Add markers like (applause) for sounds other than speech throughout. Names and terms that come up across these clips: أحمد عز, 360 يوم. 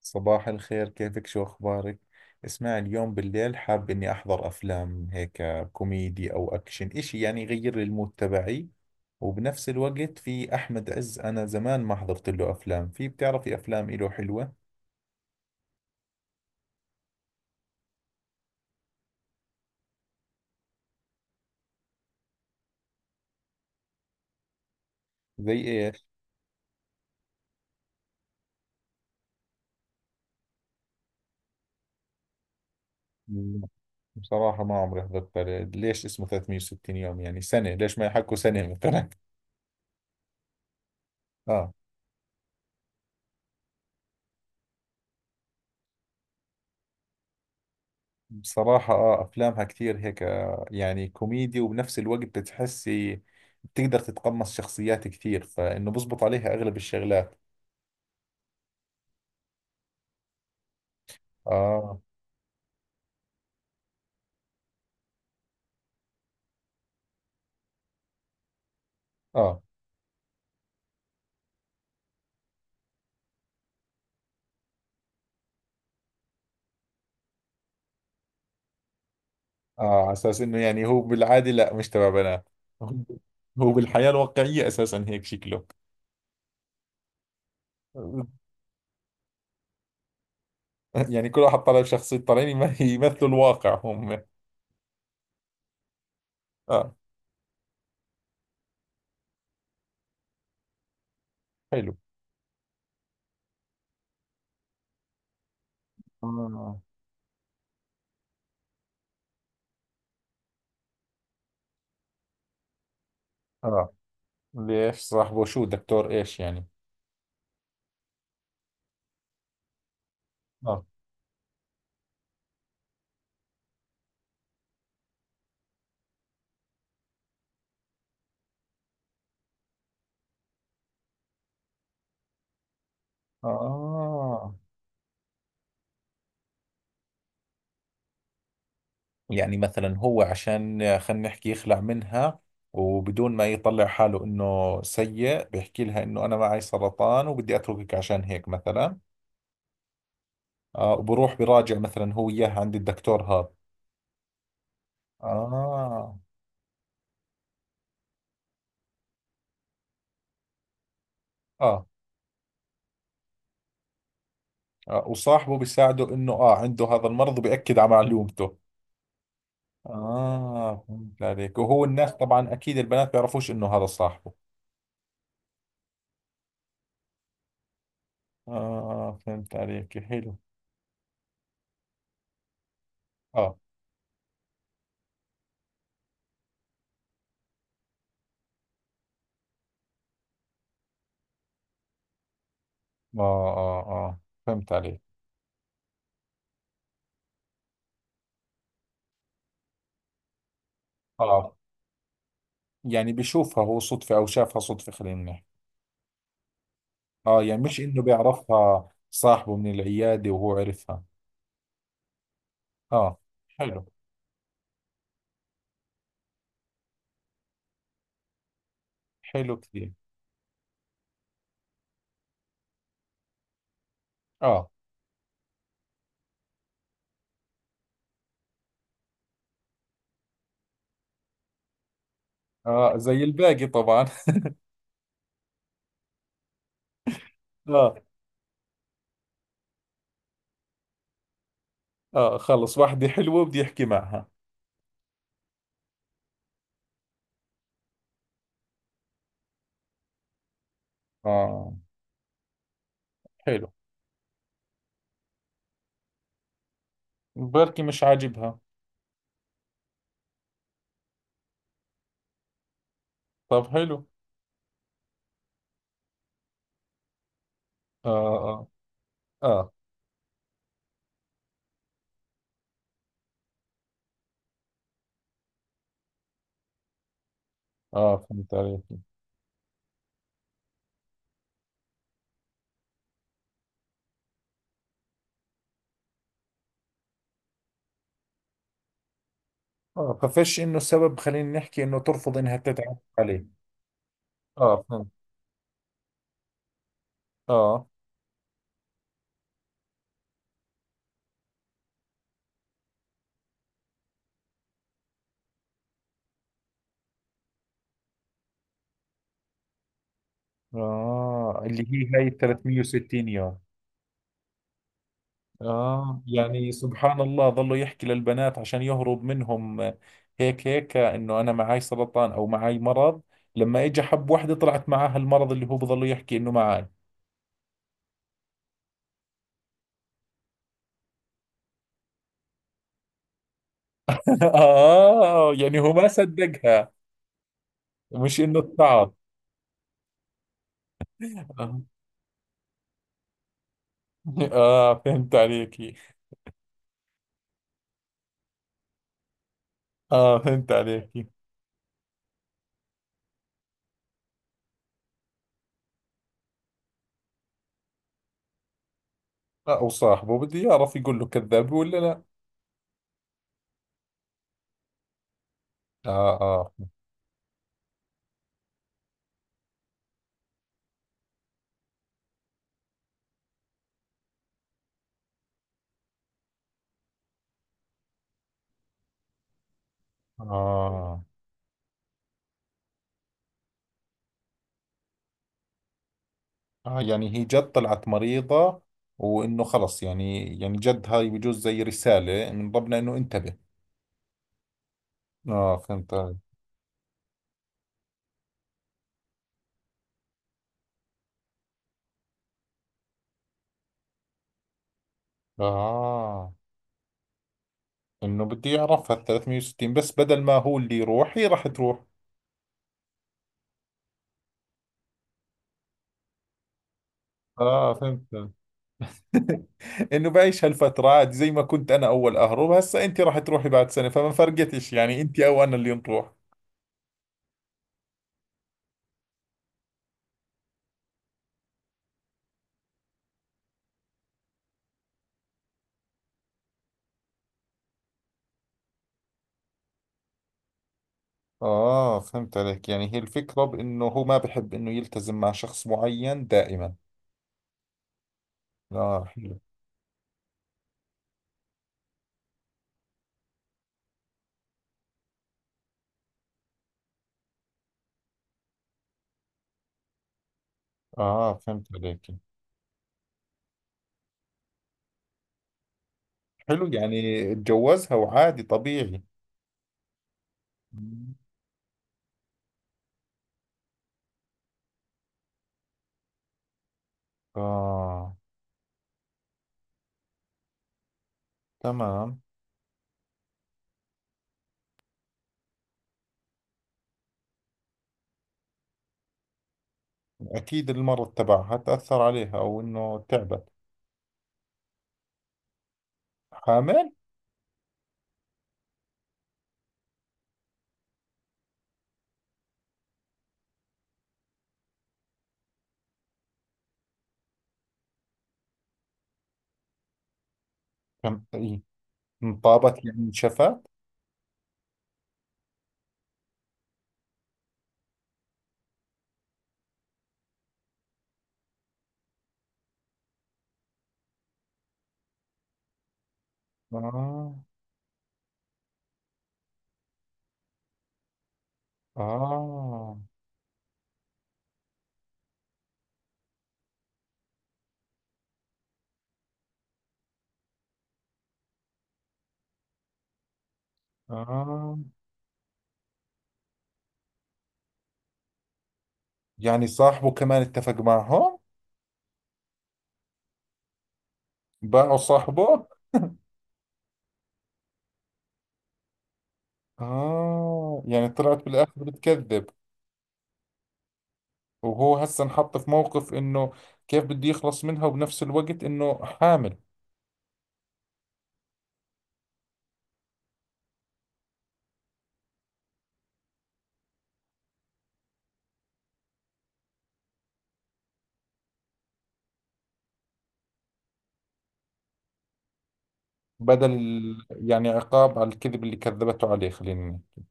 صباح الخير، كيفك؟ شو أخبارك؟ اسمع، اليوم بالليل حاب إني أحضر أفلام، هيك كوميدي أو أكشن، إشي يعني يغير لي المود تبعي. وبنفس الوقت في أحمد عز، أنا زمان ما حضرت له أفلام. في بتعرفي أفلام إله حلوة؟ زي إيش؟ لا، بصراحة ما عمري حضرت له. ليش اسمه 360 يوم يعني سنة؟ ليش ما يحكوا سنة مثلا؟ آه، بصراحة افلامها كتير هيك، يعني كوميدي وبنفس الوقت بتحسي بتقدر تتقمص شخصيات كتير، فانه بزبط عليها اغلب الشغلات. اه، اه، اه، على اساس انه يعني هو بالعادة لا، مش تبع بنات هو. هو بالحياة الواقعية اساسا هيك شكله. (laughs) يعني كل واحد طالع بشخصية، طالعين يمثلوا الواقع هم. اه. حلو. اه، اه، ليش صاحبه شو دكتور؟ ايش يعني؟ اه، اه، يعني مثلا هو عشان خلينا نحكي يخلع منها، وبدون ما يطلع حاله انه سيء بيحكي لها انه انا معي سرطان وبدي اتركك عشان هيك مثلا. آه، وبروح براجع مثلا هو اياها عند الدكتور هذا. آه، آه، اه، وصاحبه بيساعده انه اه عنده هذا المرض وبيأكد على معلومته. اه، فهمت عليك. وهو الناس طبعا اكيد البنات بيعرفوش انه هذا صاحبه. اه فهمت عليك، حلو. اه، اه، اه، آه فهمت عليك. اه يعني بيشوفها هو صدفة، أو شافها صدفة خلينا نحكي. آه يعني مش إنه بيعرفها صاحبه من العيادة وهو عرفها. آه. حلو، حلو كثير. آه، آه، زي الباقي طبعا. (laughs) آه، آه، خلص واحدة حلوة بدي أحكي معها. آه. حلو. بركي مش عاجبها. طب حلو. آه، آه، آه، آه فهمت عليك. آه، ففش إنه سبب خلينا نحكي إنه ترفض إنها تتعرف عليه. آه فهمت. آه، آه، اللي هي هاي 360 يوم. آه يعني سبحان الله، ظلوا يحكي للبنات عشان يهرب منهم. آه، هيك هيك، آه، إنه أنا معاي سرطان أو معاي مرض. لما إجا حب وحدة طلعت معاها المرض اللي هو بظلوا يحكي إنه معاي. (laughs) آه، يعني هو ما صدقها، مش إنه اتعظ. (laughs) آه، آه، فهمت عليكي. آه فهمت عليكي. آه، وصاحبه بده يعرف يقول له كذاب ولا لا. آه، آه، آه، اه يعني هي جد طلعت مريضة، وانه خلص يعني، يعني جد هاي بجوز زي رسالة من ربنا انه انتبه. اه فهمت علي. اه، انه بده يعرفها ال 360 بس بدل ما هو اللي يروح هي راح تروح. اه فهمت علي. (laughs) انه بعيش هالفترة عادي، زي ما كنت انا اول اهرب، هسا انت راح تروحي بعد سنة فما فرقتش يعني انت او انا اللي نروح. اه فهمت عليك، يعني هي الفكرة بانه هو ما بحب انه يلتزم مع شخص معين دائما. اه حلو. اه فهمت عليك. حلو يعني اتجوزها وعادي طبيعي. آه. تمام. أكيد المرض تبعها تأثر عليها أو إنه تعبت. حامل؟ كم إيه؟ انطابت يعني انشفت؟ آه، آه، آه، يعني صاحبه كمان اتفق معهم؟ باعوا صاحبه. آه، يعني طلعت بالآخر بتكذب. وهو هسه انحط في موقف إنه كيف بده يخلص منها وبنفس الوقت إنه حامل. بدل ال- يعني عقاب على الكذب اللي كذبته عليه خلينا نقول.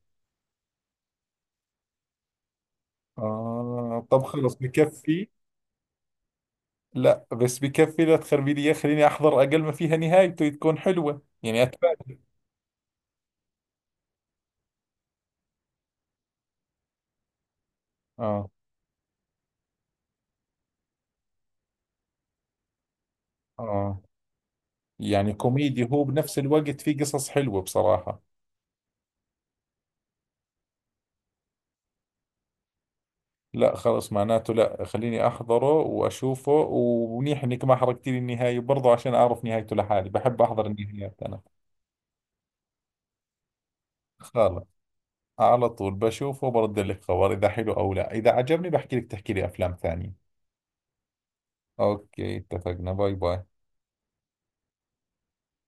آه طب خلص بكفي. لا بس بكفي، لا تخربي لي إياه. خليني أحضر، أقل ما فيها نهايته تكون حلوة يعني أتفاجئ. آه. آه، يعني كوميدي هو، بنفس الوقت في قصص حلوة بصراحة. لا خلص، معناته لا خليني أحضره وأشوفه. ومنيح إنك ما حرقتي لي النهاية برضه، عشان أعرف نهايته لحالي، بحب أحضر النهايات أنا. خلص، على طول بشوفه وبرد لك خبر إذا حلو أو لا. إذا عجبني بحكي لك تحكي لي أفلام ثانية. اوكي، اتفقنا. باي باي.